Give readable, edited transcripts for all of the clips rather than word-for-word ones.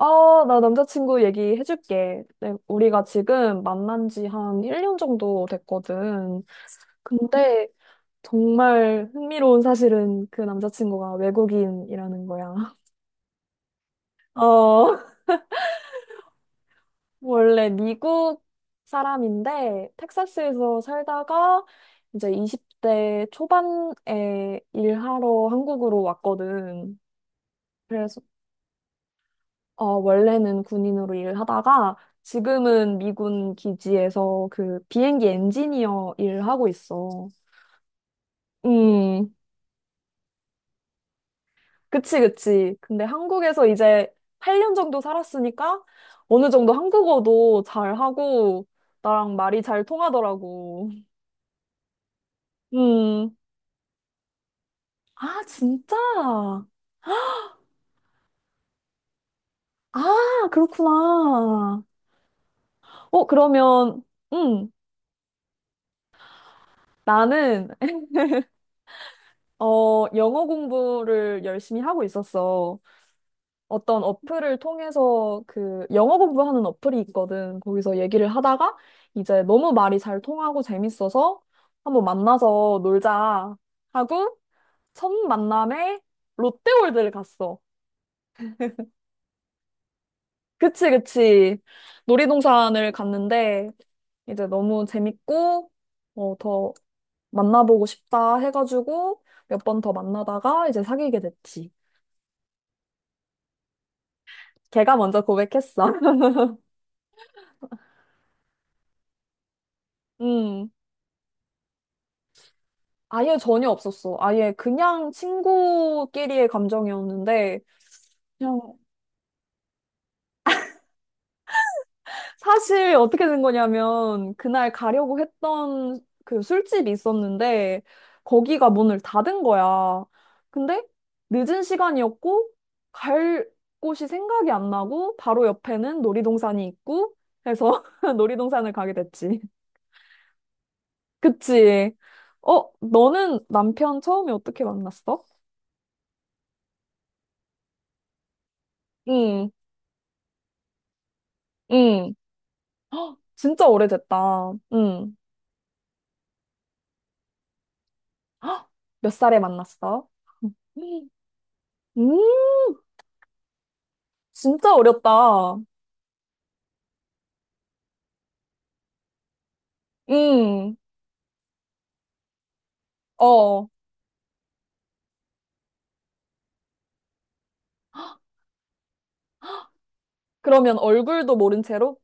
아, 나 남자친구 얘기해줄게. 네, 우리가 지금 만난 지 한 1년 정도 됐거든. 근데 정말 흥미로운 사실은 그 남자친구가 외국인이라는 거야. 어, 원래 미국 사람인데 텍사스에서 살다가 이제 20대 초반에 일하러 한국으로 왔거든. 그래서 어, 원래는 군인으로 일을 하다가 지금은 미군 기지에서 그 비행기 엔지니어 일을 하고 있어. 음, 그치, 그치. 근데 한국에서 이제 8년 정도 살았으니까 어느 정도 한국어도 잘하고 나랑 말이 잘 통하더라고. 음, 아, 진짜? 아, 그렇구나. 어, 그러면, 음, 나는, 어, 영어 공부를 열심히 하고 있었어. 어떤 어플을 통해서 그 영어 공부하는 어플이 있거든. 거기서 얘기를 하다가 이제 너무 말이 잘 통하고 재밌어서 한번 만나서 놀자 하고 첫 만남에 롯데월드를 갔어. 그치, 그치. 놀이동산을 갔는데 이제 너무 재밌고 어, 더 만나보고 싶다 해가지고 몇 번 더 만나다가 이제 사귀게 됐지. 걔가 먼저 고백했어. 음. 아예 전혀 없었어. 아예 그냥 친구끼리의 감정이었는데, 그냥 사실 어떻게 된 거냐면, 그날 가려고 했던 그 술집이 있었는데, 거기가 문을 닫은 거야. 근데 늦은 시간이었고, 갈 곳이 생각이 안 나고, 바로 옆에는 놀이동산이 있고, 해서 놀이동산을 가게 됐지. 그치? 어, 너는 남편 처음에 어떻게 만났어? 응, 응. 헉, 진짜 오래됐다. 응. 헉, 몇 살에 만났어? 음, 진짜 어렸다. 음, 어. 그러면 얼굴도 모른 채로?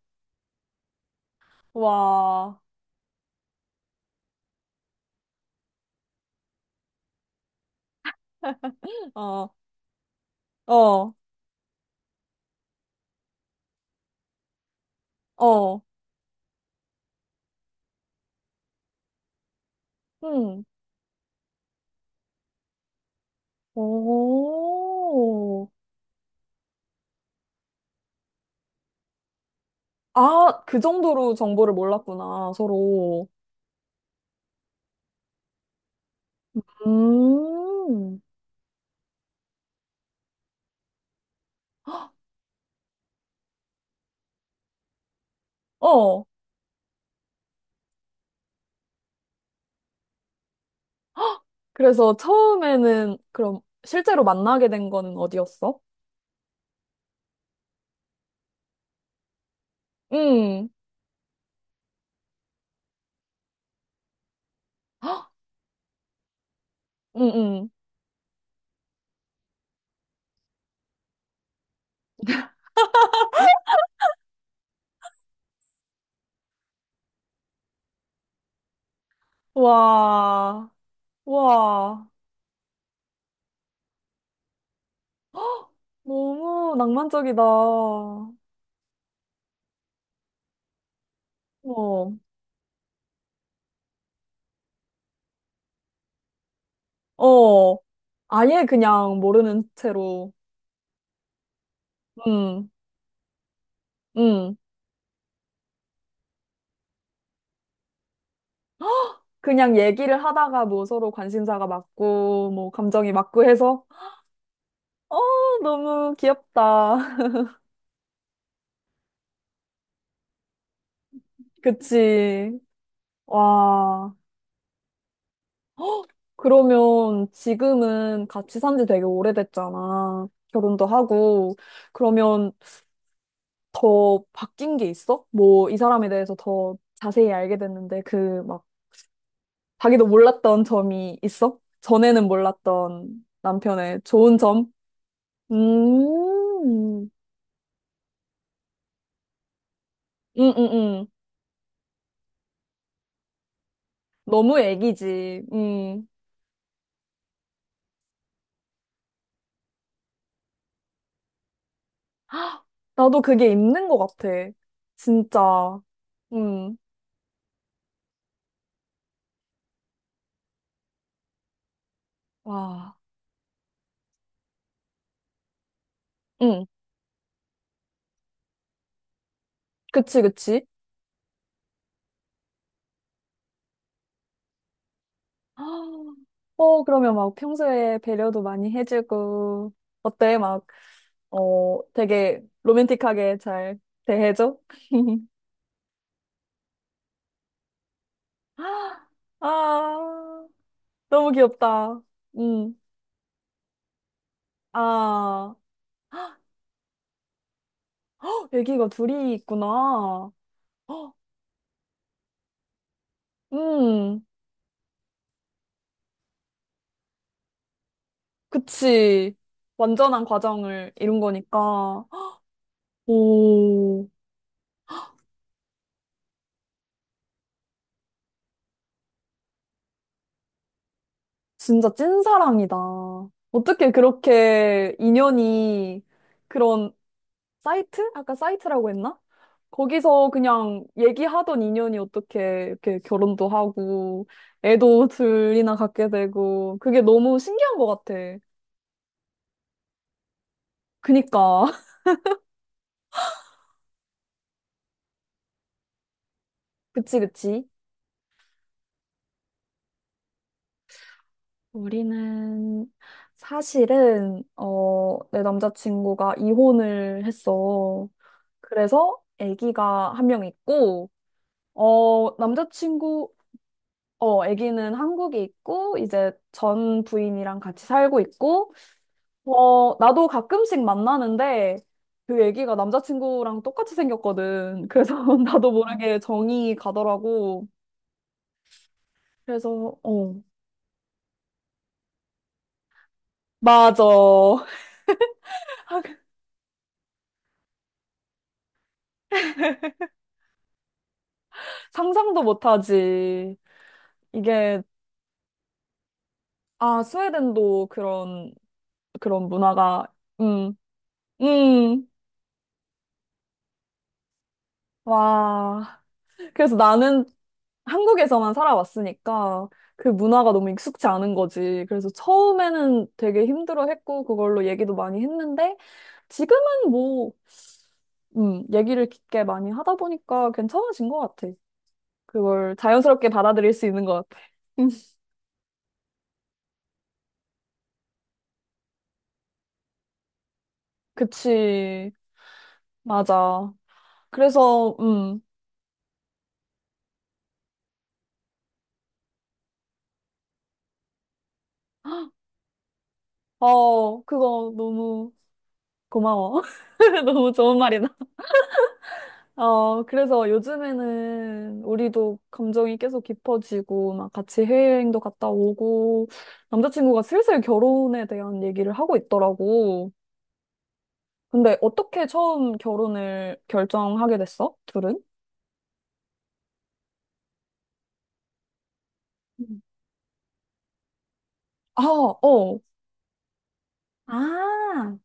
와, 어, 어, 어, 음, 오. 아, 그 정도로 정보를 몰랐구나, 서로. 음, 어. 그래서 처음에는 그럼 실제로 만나게 된 거는 어디였어? 음, 음, 음. 와, 와, 너무 낭만적이다. 어, 어, 아예 그냥 모르는 채로, 음, 음, 그냥 얘기를 하다가 뭐 서로 관심사가 맞고, 뭐 감정이 맞고 해서, 어, 너무 귀엽다. 그치. 와, 그러면 지금은 같이 산지 되게 오래됐잖아. 결혼도 하고. 그러면 더 바뀐 게 있어? 뭐, 이 사람에 대해서 더 자세히 알게 됐는데, 그, 막, 자기도 몰랐던 점이 있어? 전에는 몰랐던 남편의 좋은 점? 음, 음, 음, 음. 너무 애기지. 음. 헉, 나도 그게 있는 것 같아. 진짜. 음. 와. 음. 그치, 그치. 헉, 어, 그러면 막 평소에 배려도 많이 해주고, 어때? 막 어, 되게 로맨틱하게 잘 대해줘? 아, 너무 귀엽다. 음, 아, 헉, 애기가 둘이 있구나. 헉, 음, 그치. 완전한 과정을 이룬 거니까. 오, 진짜 찐사랑이다. 어떻게 그렇게 인연이 그런 사이트? 아까 사이트라고 했나? 거기서 그냥 얘기하던 인연이 어떻게 이렇게 결혼도 하고, 애도 둘이나 갖게 되고, 그게 너무 신기한 것 같아. 그니까. 그치, 그치. 우리는 사실은, 어, 내 남자친구가 이혼을 했어. 그래서 아기가 한 명 있고, 어, 남자친구, 어, 아기는 한국에 있고, 이제 전 부인이랑 같이 살고 있고, 어, 나도 가끔씩 만나는데 그 애기가 남자친구랑 똑같이 생겼거든. 그래서 나도 모르게 정이 가더라고. 그래서, 어, 맞아. 상상도 못하지. 이게, 아, 스웨덴도 그런, 그런 문화가, 음, 음, 와. 그래서 나는 한국에서만 살아왔으니까 그 문화가 너무 익숙치 않은 거지. 그래서 처음에는 되게 힘들어했고 그걸로 얘기도 많이 했는데 지금은 뭐 얘기를 깊게 많이 하다 보니까 괜찮아진 것 같아. 그걸 자연스럽게 받아들일 수 있는 것 같아. 음, 그치. 맞아. 그래서, 어, 그거 너무 고마워. 너무 좋은 말이다. 어, 그래서 요즘에는 우리도 감정이 계속 깊어지고, 막 같이 해외여행도 갔다 오고, 남자친구가 슬슬 결혼에 대한 얘기를 하고 있더라고. 근데 어떻게 처음 결혼을 결정하게 됐어? 둘은? 음. 아, 어. 아,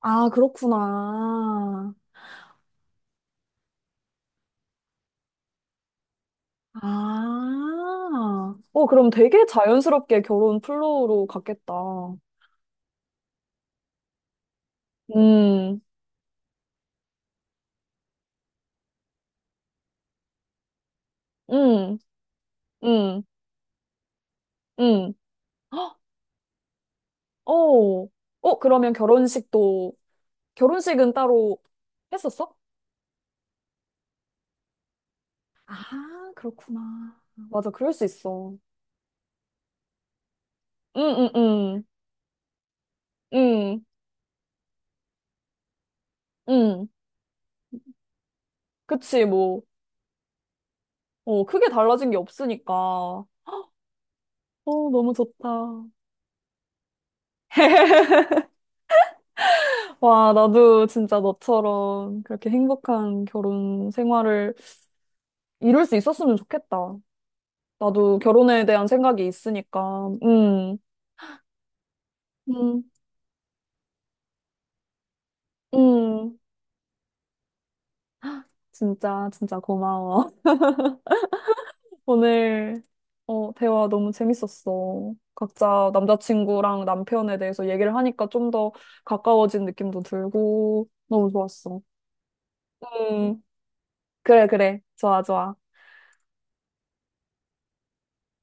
아, 그렇구나. 아, 어, 그럼 되게 자연스럽게 결혼 플로우로 갔겠다. 음, 음, 음, 음. 어, 어, 그러면 결혼식도, 결혼식은 따로 했었어? 아, 그렇구나. 맞아, 그럴 수 있어. 응, 응, 응, 응, 응. 그치, 뭐, 어, 크게 달라진 게 없으니까. 어, 너무 좋다. 와, 나도 진짜 너처럼 그렇게 행복한 결혼 생활을 이룰 수 있었으면 좋겠다. 나도 결혼에 대한 생각이 있으니까. 응, 응, 응. 진짜, 진짜 고마워. 오늘 어, 대화 너무 재밌었어. 각자 남자친구랑 남편에 대해서 얘기를 하니까 좀 더 가까워진 느낌도 들고 너무 좋았어. 음, 그래, 그래. 좋아, 좋아.